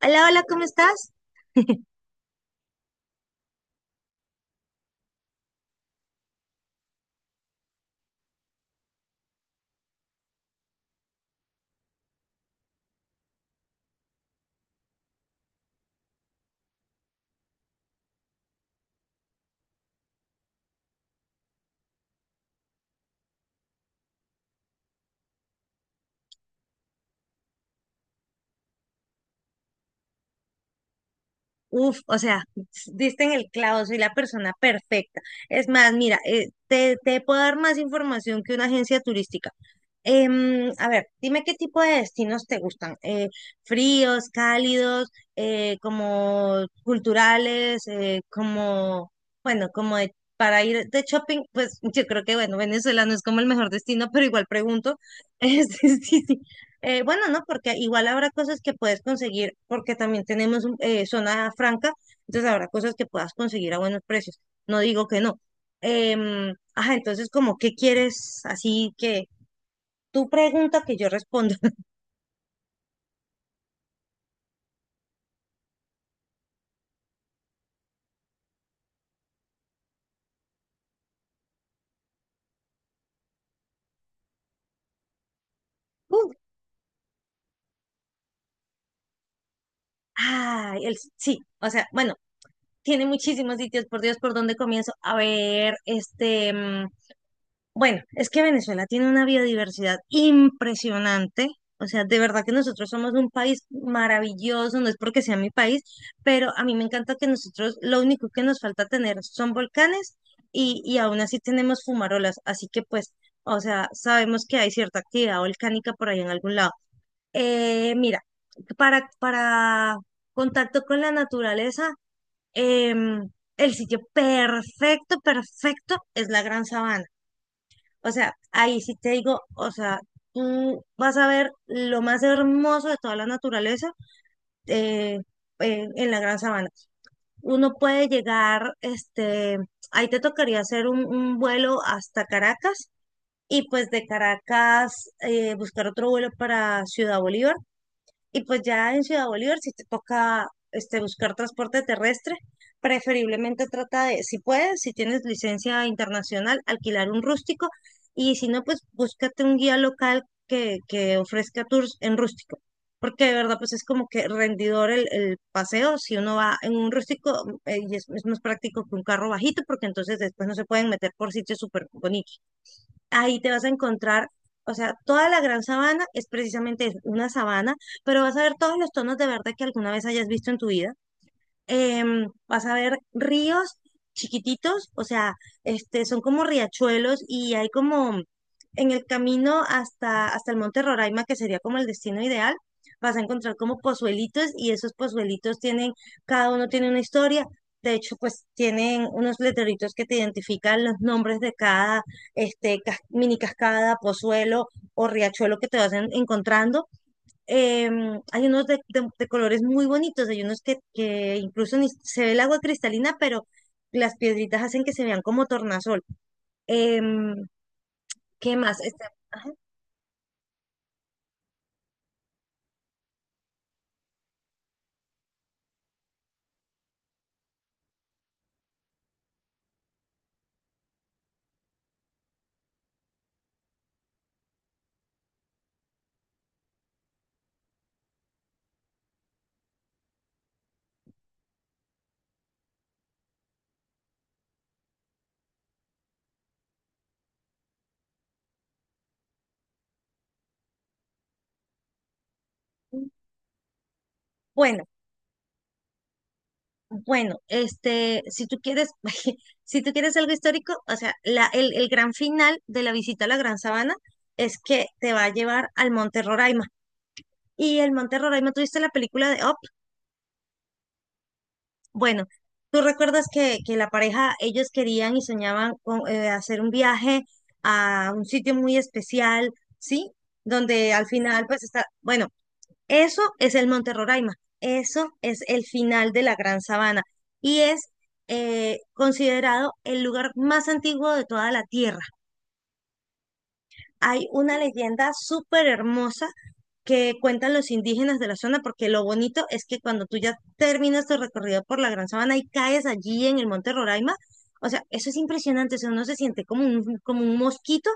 Hola, hola, ¿cómo estás? Uf, o sea, diste en el clavo, soy la persona perfecta. Es más, mira, te puedo dar más información que una agencia turística. A ver, dime qué tipo de destinos te gustan. Fríos, cálidos, como culturales, como, bueno, como para ir de shopping, pues yo creo que, bueno, Venezuela no es como el mejor destino, pero igual pregunto. Sí. Bueno, no, porque igual habrá cosas que puedes conseguir, porque también tenemos zona franca, entonces habrá cosas que puedas conseguir a buenos precios. No digo que no. Ajá, entonces, como, ¿qué quieres? Así que tú pregunta que yo respondo. Uh, ay, sí, o sea, bueno, tiene muchísimos sitios, por Dios, ¿por dónde comienzo? A ver, bueno, es que Venezuela tiene una biodiversidad impresionante. O sea, de verdad que nosotros somos un país maravilloso, no es porque sea mi país, pero a mí me encanta que nosotros lo único que nos falta tener son volcanes y aún así tenemos fumarolas. Así que pues, o sea, sabemos que hay cierta actividad volcánica por ahí en algún lado. Mira, para contacto con la naturaleza, em, el sitio perfecto, perfecto es la Gran Sabana. O sea, ahí sí te digo, o sea, tú vas a ver lo más hermoso de toda la naturaleza, eh, en la Gran Sabana. Uno puede llegar, ahí te tocaría hacer un vuelo hasta Caracas y pues de Caracas buscar otro vuelo para Ciudad Bolívar y pues ya en Ciudad Bolívar, si te toca buscar transporte terrestre, preferiblemente trata de, si puedes, si tienes licencia internacional, alquilar un rústico y si no, pues búscate un guía local que ofrezca tours en rústico. Porque de verdad, pues es como que rendidor el paseo. Si uno va en un rústico, y es más práctico que un carro bajito, porque entonces después no se pueden meter por sitios súper bonitos. Ahí te vas a encontrar, o sea, toda la Gran Sabana es precisamente eso, una sabana, pero vas a ver todos los tonos de verde que alguna vez hayas visto en tu vida. Vas a ver ríos chiquititos, o sea, son como riachuelos y hay como en el camino hasta el Monte Roraima, que sería como el destino ideal. Vas a encontrar como pozuelitos y esos pozuelitos tienen, cada uno tiene una historia. De hecho, pues tienen unos letreritos que te identifican los nombres de cada mini cascada, pozuelo o riachuelo que te vas encontrando. Hay unos de colores muy bonitos, hay unos que incluso ni se ve el agua cristalina, pero las piedritas hacen que se vean como tornasol. Em, ¿Qué más? Ajá, Bueno, bueno, si tú quieres algo histórico, o sea, el gran final de la visita a la Gran Sabana es que te va a llevar al Monte Roraima. Y el Monte Roraima, ¿tú viste la película de Up? Bueno, tú recuerdas que la pareja, ellos querían y soñaban con hacer un viaje a un sitio muy especial, ¿sí? Donde al final, pues está, bueno, eso es el Monte Roraima, eso es el final de la Gran Sabana y es considerado el lugar más antiguo de toda la Tierra. Hay una leyenda súper hermosa que cuentan los indígenas de la zona, porque lo bonito es que cuando tú ya terminas tu recorrido por la Gran Sabana y caes allí en el Monte Roraima, o sea, eso es impresionante, o sea, uno se siente como un mosquito,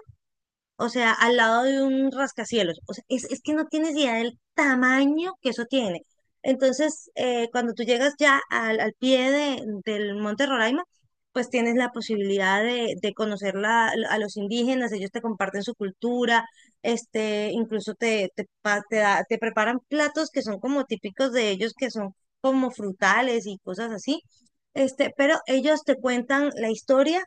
o sea, al lado de un rascacielos. O sea, es que no tienes idea del tamaño que eso tiene. Entonces, cuando tú llegas ya al pie del Monte Roraima, pues tienes la posibilidad de conocer a los indígenas, ellos te comparten su cultura, incluso te, te, pa- te, da- te preparan platos que son como típicos de ellos, que son como frutales y cosas así. Pero ellos te cuentan la historia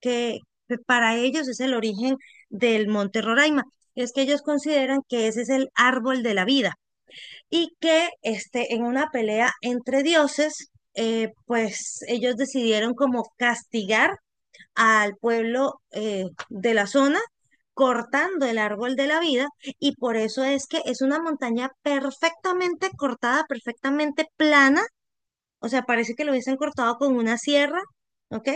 que que para ellos es el origen del Monte Roraima. Es que ellos consideran que ese es el árbol de la vida y que en una pelea entre dioses, pues ellos decidieron como castigar al pueblo de la zona cortando el árbol de la vida, y por eso es que es una montaña perfectamente cortada, perfectamente plana, o sea, parece que lo hubiesen cortado con una sierra, ¿ok?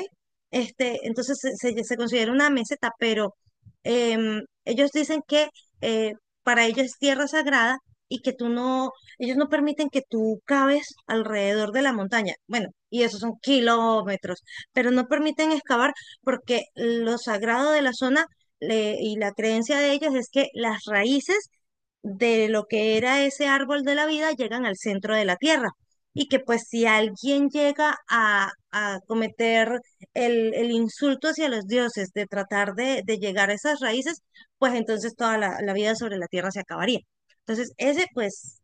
Entonces se considera una meseta, pero ellos dicen que eh, para ellos es tierra sagrada y que tú no, ellos no permiten que tú caves alrededor de la montaña. Bueno, y esos son kilómetros, pero no permiten excavar porque lo sagrado de la zona, y la creencia de ellos es que las raíces de lo que era ese árbol de la vida llegan al centro de la Tierra. Y que pues si alguien llega a cometer el insulto hacia los dioses, de tratar de llegar a esas raíces, pues entonces toda la vida sobre la Tierra se acabaría. Entonces, ese pues,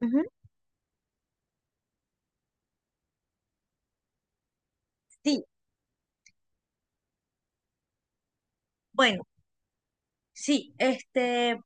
ujú, sí, bueno, sí, este,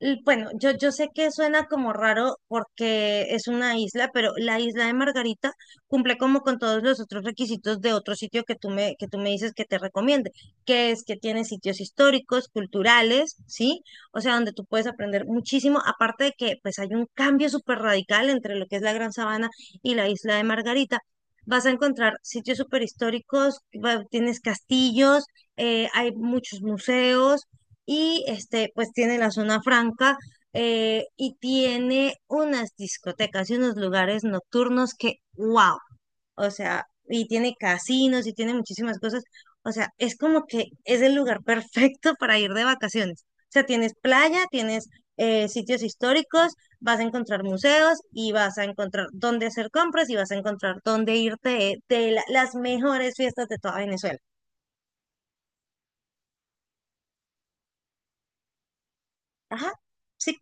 L- bueno, yo sé que suena como raro porque es una isla, pero la isla de Margarita cumple como con todos los otros requisitos de otro sitio que tú me dices que te recomiende, que es que tiene sitios históricos, culturales, ¿sí? O sea, donde tú puedes aprender muchísimo, aparte de que pues hay un cambio súper radical entre lo que es la Gran Sabana y la isla de Margarita. Vas a encontrar sitios súper históricos, tienes castillos, hay muchos museos y pues tiene la zona franca, y tiene unas discotecas y unos lugares nocturnos que, wow, o sea, y tiene casinos y tiene muchísimas cosas, o sea, es como que es el lugar perfecto para ir de vacaciones. O sea, tienes playa, tienes, sitios históricos, vas a encontrar museos y vas a encontrar dónde hacer compras y vas a encontrar dónde irte de las mejores fiestas de toda Venezuela. Ajá, sí,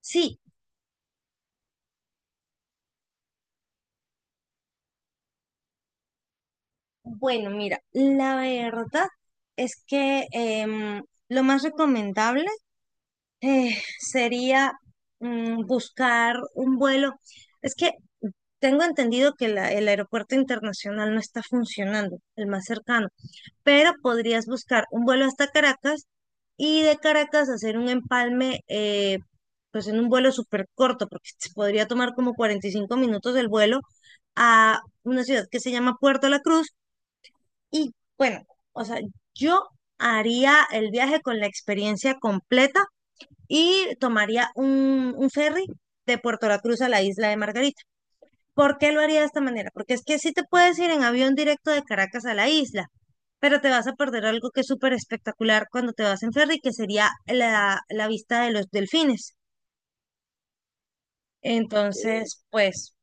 sí. Bueno, mira, la verdad es que lo más recomendable sería buscar un vuelo. Es que tengo entendido que el aeropuerto internacional no está funcionando, el más cercano, pero podrías buscar un vuelo hasta Caracas y de Caracas hacer un empalme, pues en un vuelo súper corto, porque se podría tomar como 45 minutos el vuelo a una ciudad que se llama Puerto La Cruz. Y bueno, o sea, yo haría el viaje con la experiencia completa y tomaría un ferry de Puerto La Cruz a la isla de Margarita. ¿Por qué lo haría de esta manera? Porque es que sí te puedes ir en avión directo de Caracas a la isla, pero te vas a perder algo que es súper espectacular cuando te vas en ferry, que sería la vista de los delfines. Entonces, pues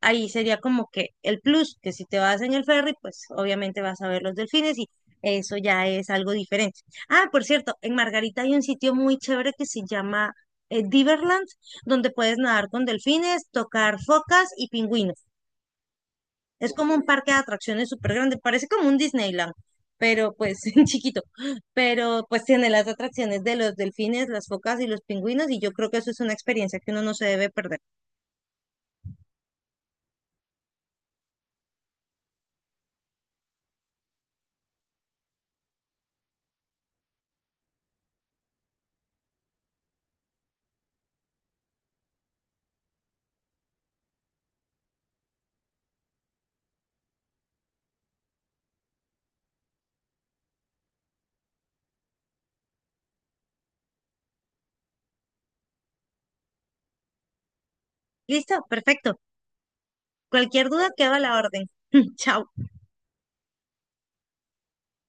ahí sería como que el plus, que si te vas en el ferry, pues obviamente vas a ver los delfines y eso ya es algo diferente. Ah, por cierto, en Margarita hay un sitio muy chévere que se llama Diverland, donde puedes nadar con delfines, tocar focas y pingüinos. Es como un parque de atracciones súper grande, parece como un Disneyland, pero pues chiquito, pero pues tiene las atracciones de los delfines, las focas y los pingüinos, y yo creo que eso es una experiencia que uno no se debe perder. Listo, perfecto. Cualquier duda queda a la orden. Chao.